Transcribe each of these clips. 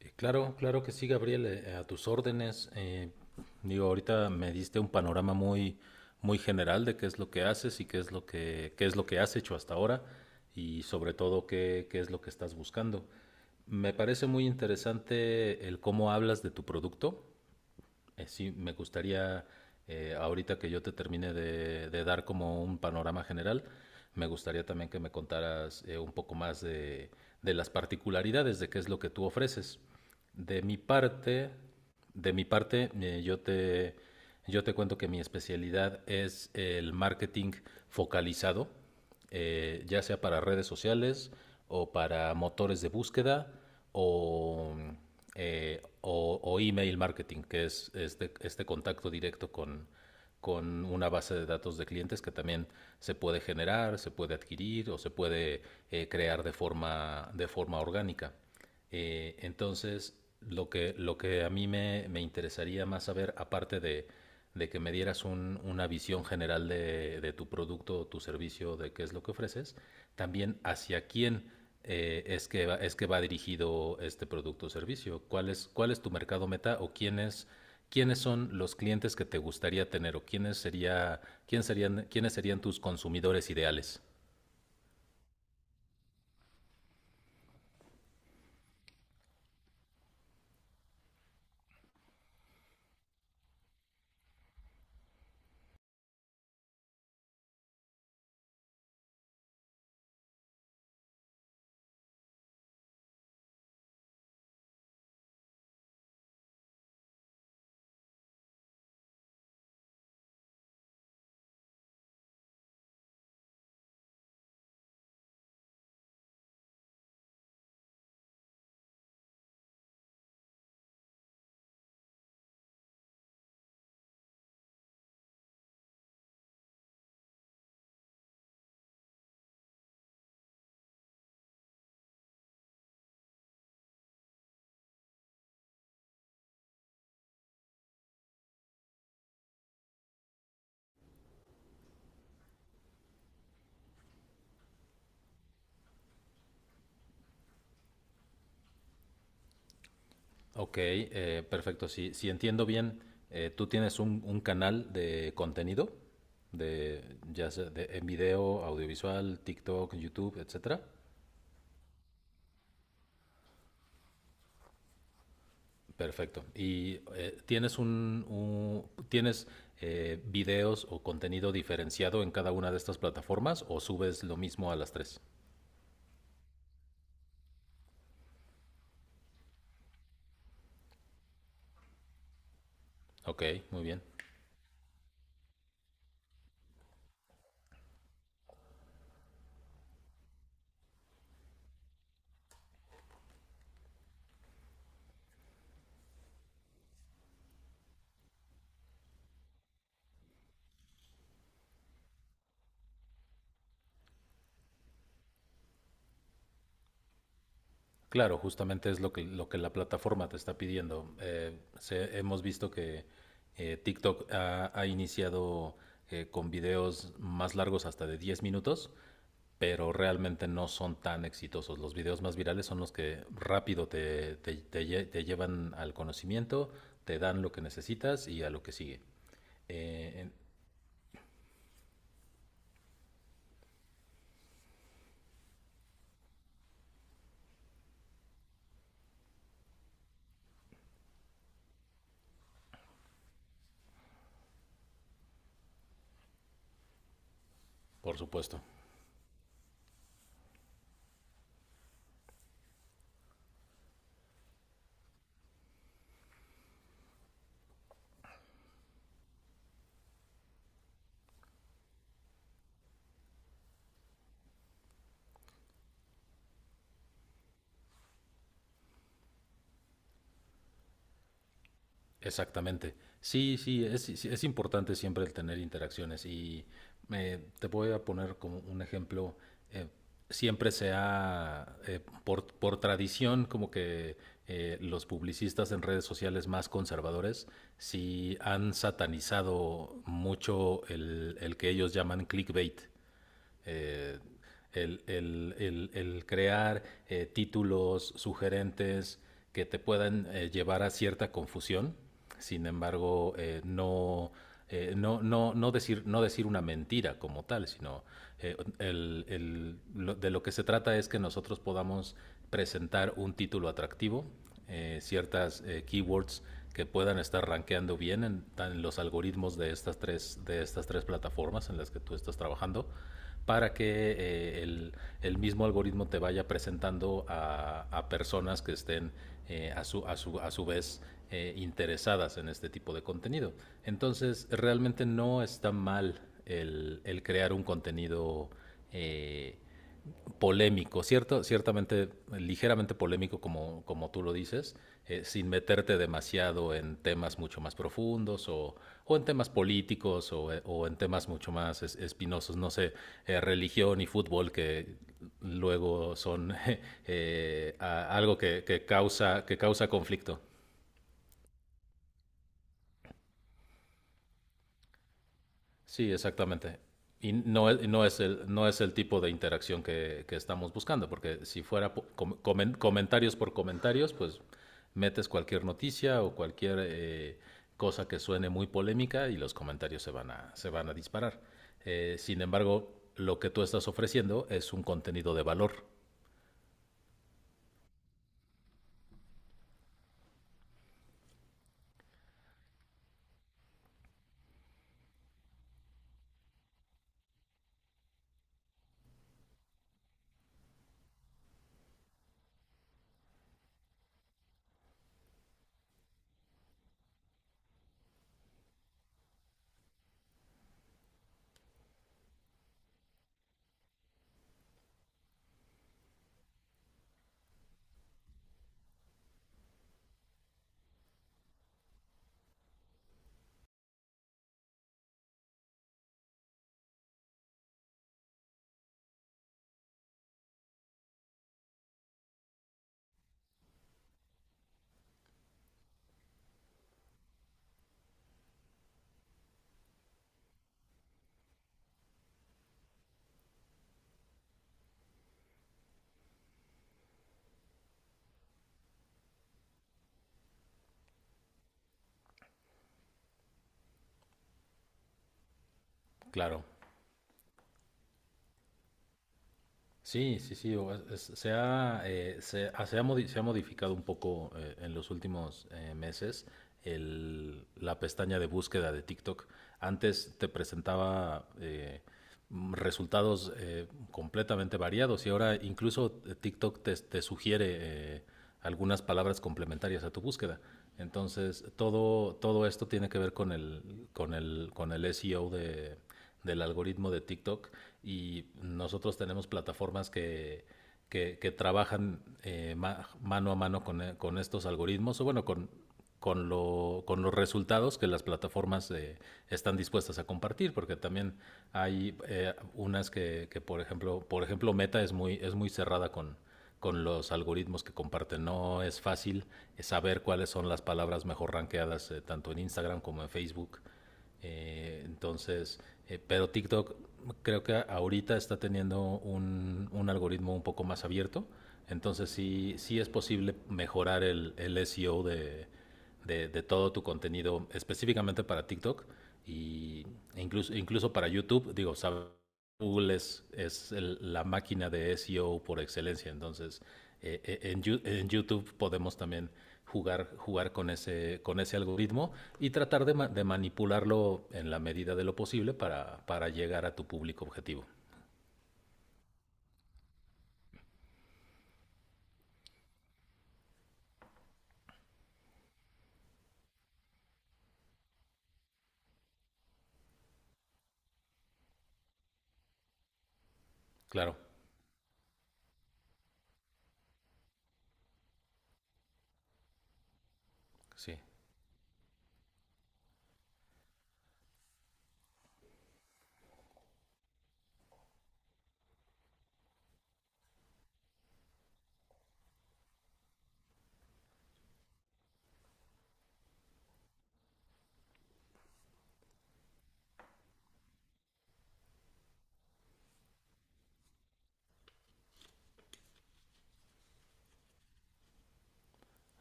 Claro que sí, Gabriel. Eh, a tus órdenes. Ahorita me diste un panorama muy general de qué es lo que haces y qué es lo qué es lo que has hecho hasta ahora y sobre todo qué es lo que estás buscando. Me parece muy interesante el cómo hablas de tu producto. Sí, me gustaría, ahorita que yo te termine de dar como un panorama general. Me gustaría también que me contaras un poco más de las particularidades de qué es lo que tú ofreces. De mi parte, de mi parte, yo te cuento que mi especialidad es el marketing focalizado, ya sea para redes sociales o para motores de búsqueda o, o email marketing, que es este contacto directo con una base de datos de clientes que también se puede generar, se puede adquirir o se puede crear de de forma orgánica. Entonces, lo que a me interesaría más saber, aparte de que me dieras una visión general de tu producto o tu servicio, de qué es lo que ofreces, también hacia quién es que va dirigido este producto o servicio. Cuál es tu mercado meta o quiénes son los clientes que te gustaría tener o quiénes serían tus consumidores ideales? Ok, perfecto. Si entiendo bien, tú tienes un canal de contenido, de, ya sea en video, audiovisual, TikTok, YouTube, etcétera. Perfecto. ¿Y tienes tienes videos o contenido diferenciado en cada una de estas plataformas o subes lo mismo a las tres? Ok, muy bien. Claro, justamente es lo lo que la plataforma te está pidiendo. Hemos visto que TikTok ha iniciado con videos más largos hasta de 10 minutos, pero realmente no son tan exitosos. Los videos más virales son los que rápido te llevan al conocimiento, te dan lo que necesitas y a lo que sigue. Eh, en- por supuesto. Exactamente. Sí, es importante siempre el tener interacciones y te voy a poner como un ejemplo. eh, Siempre se ha por tradición, como que los publicistas en redes sociales más conservadores sí han satanizado mucho el que ellos llaman clickbait. Eh, crear títulos sugerentes que te puedan llevar a cierta confusión. Sin embargo, no decir una mentira como tal, sino de lo que se trata es que nosotros podamos presentar un título atractivo, ciertas keywords que puedan estar rankeando bien en los algoritmos de estas tres plataformas en las que tú estás trabajando, para que mismo algoritmo te vaya presentando a personas que estén a, su, a, su, a, su, vez interesadas en este tipo de contenido. Entonces, realmente no está mal el crear un contenido eh, ciertamente ligeramente polémico, como, como tú lo dices, sin meterte demasiado en temas mucho más profundos, o en temas políticos, en temas mucho más espinosos, no sé, religión y fútbol, que luego son a- algo que causa conflicto. Sí, exactamente. Y no es el tipo de interacción que estamos buscando, porque si fuera comentarios por comentarios, pues metes cualquier noticia o cualquier cosa que suene muy polémica y los comentarios se van se van a disparar. Sin embargo, lo que tú estás ofreciendo es un contenido de valor, claro. Sí, sí, sí. o- es- Se ha, se, ha, se ha modi- Se ha modificado un poco en los últimos meses la pestaña de búsqueda de TikTok. Antes te presentaba resultados completamente variados y ahora incluso TikTok te sugiere eh, algunas palabras complementarias a tu búsqueda. Entonces, todo esto tiene que ver con el SEO del algoritmo de TikTok, y nosotros tenemos plataformas que trabajan mano a mano con estos algoritmos, o bueno, con los resultados que las plataformas están dispuestas a compartir, porque también hay unas por ejemplo, Meta es es muy cerrada con los algoritmos que comparten. No es fácil saber cuáles son las palabras mejor rankeadas, tanto en Instagram como en Facebook. eh, entonces, pero TikTok, creo que ahorita está teniendo un algoritmo un poco más abierto. Entonces sí, sí es posible mejorar el SEO de todo tu contenido, específicamente para TikTok y, incluso para YouTube. Digo, sabemos Google es la máquina de SEO por excelencia. Entonces en YouTube podemos también jugar con ese algoritmo y tratar de manipularlo en la medida de lo posible para llegar a tu público objetivo. Claro, sí.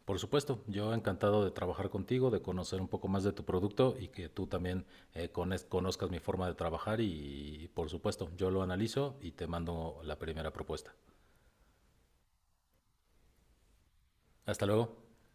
Por supuesto, yo encantado de trabajar contigo, de conocer un poco más de tu producto y que tú también conozcas mi forma de trabajar y, por supuesto, yo lo analizo y te mando la primera propuesta. Hasta luego.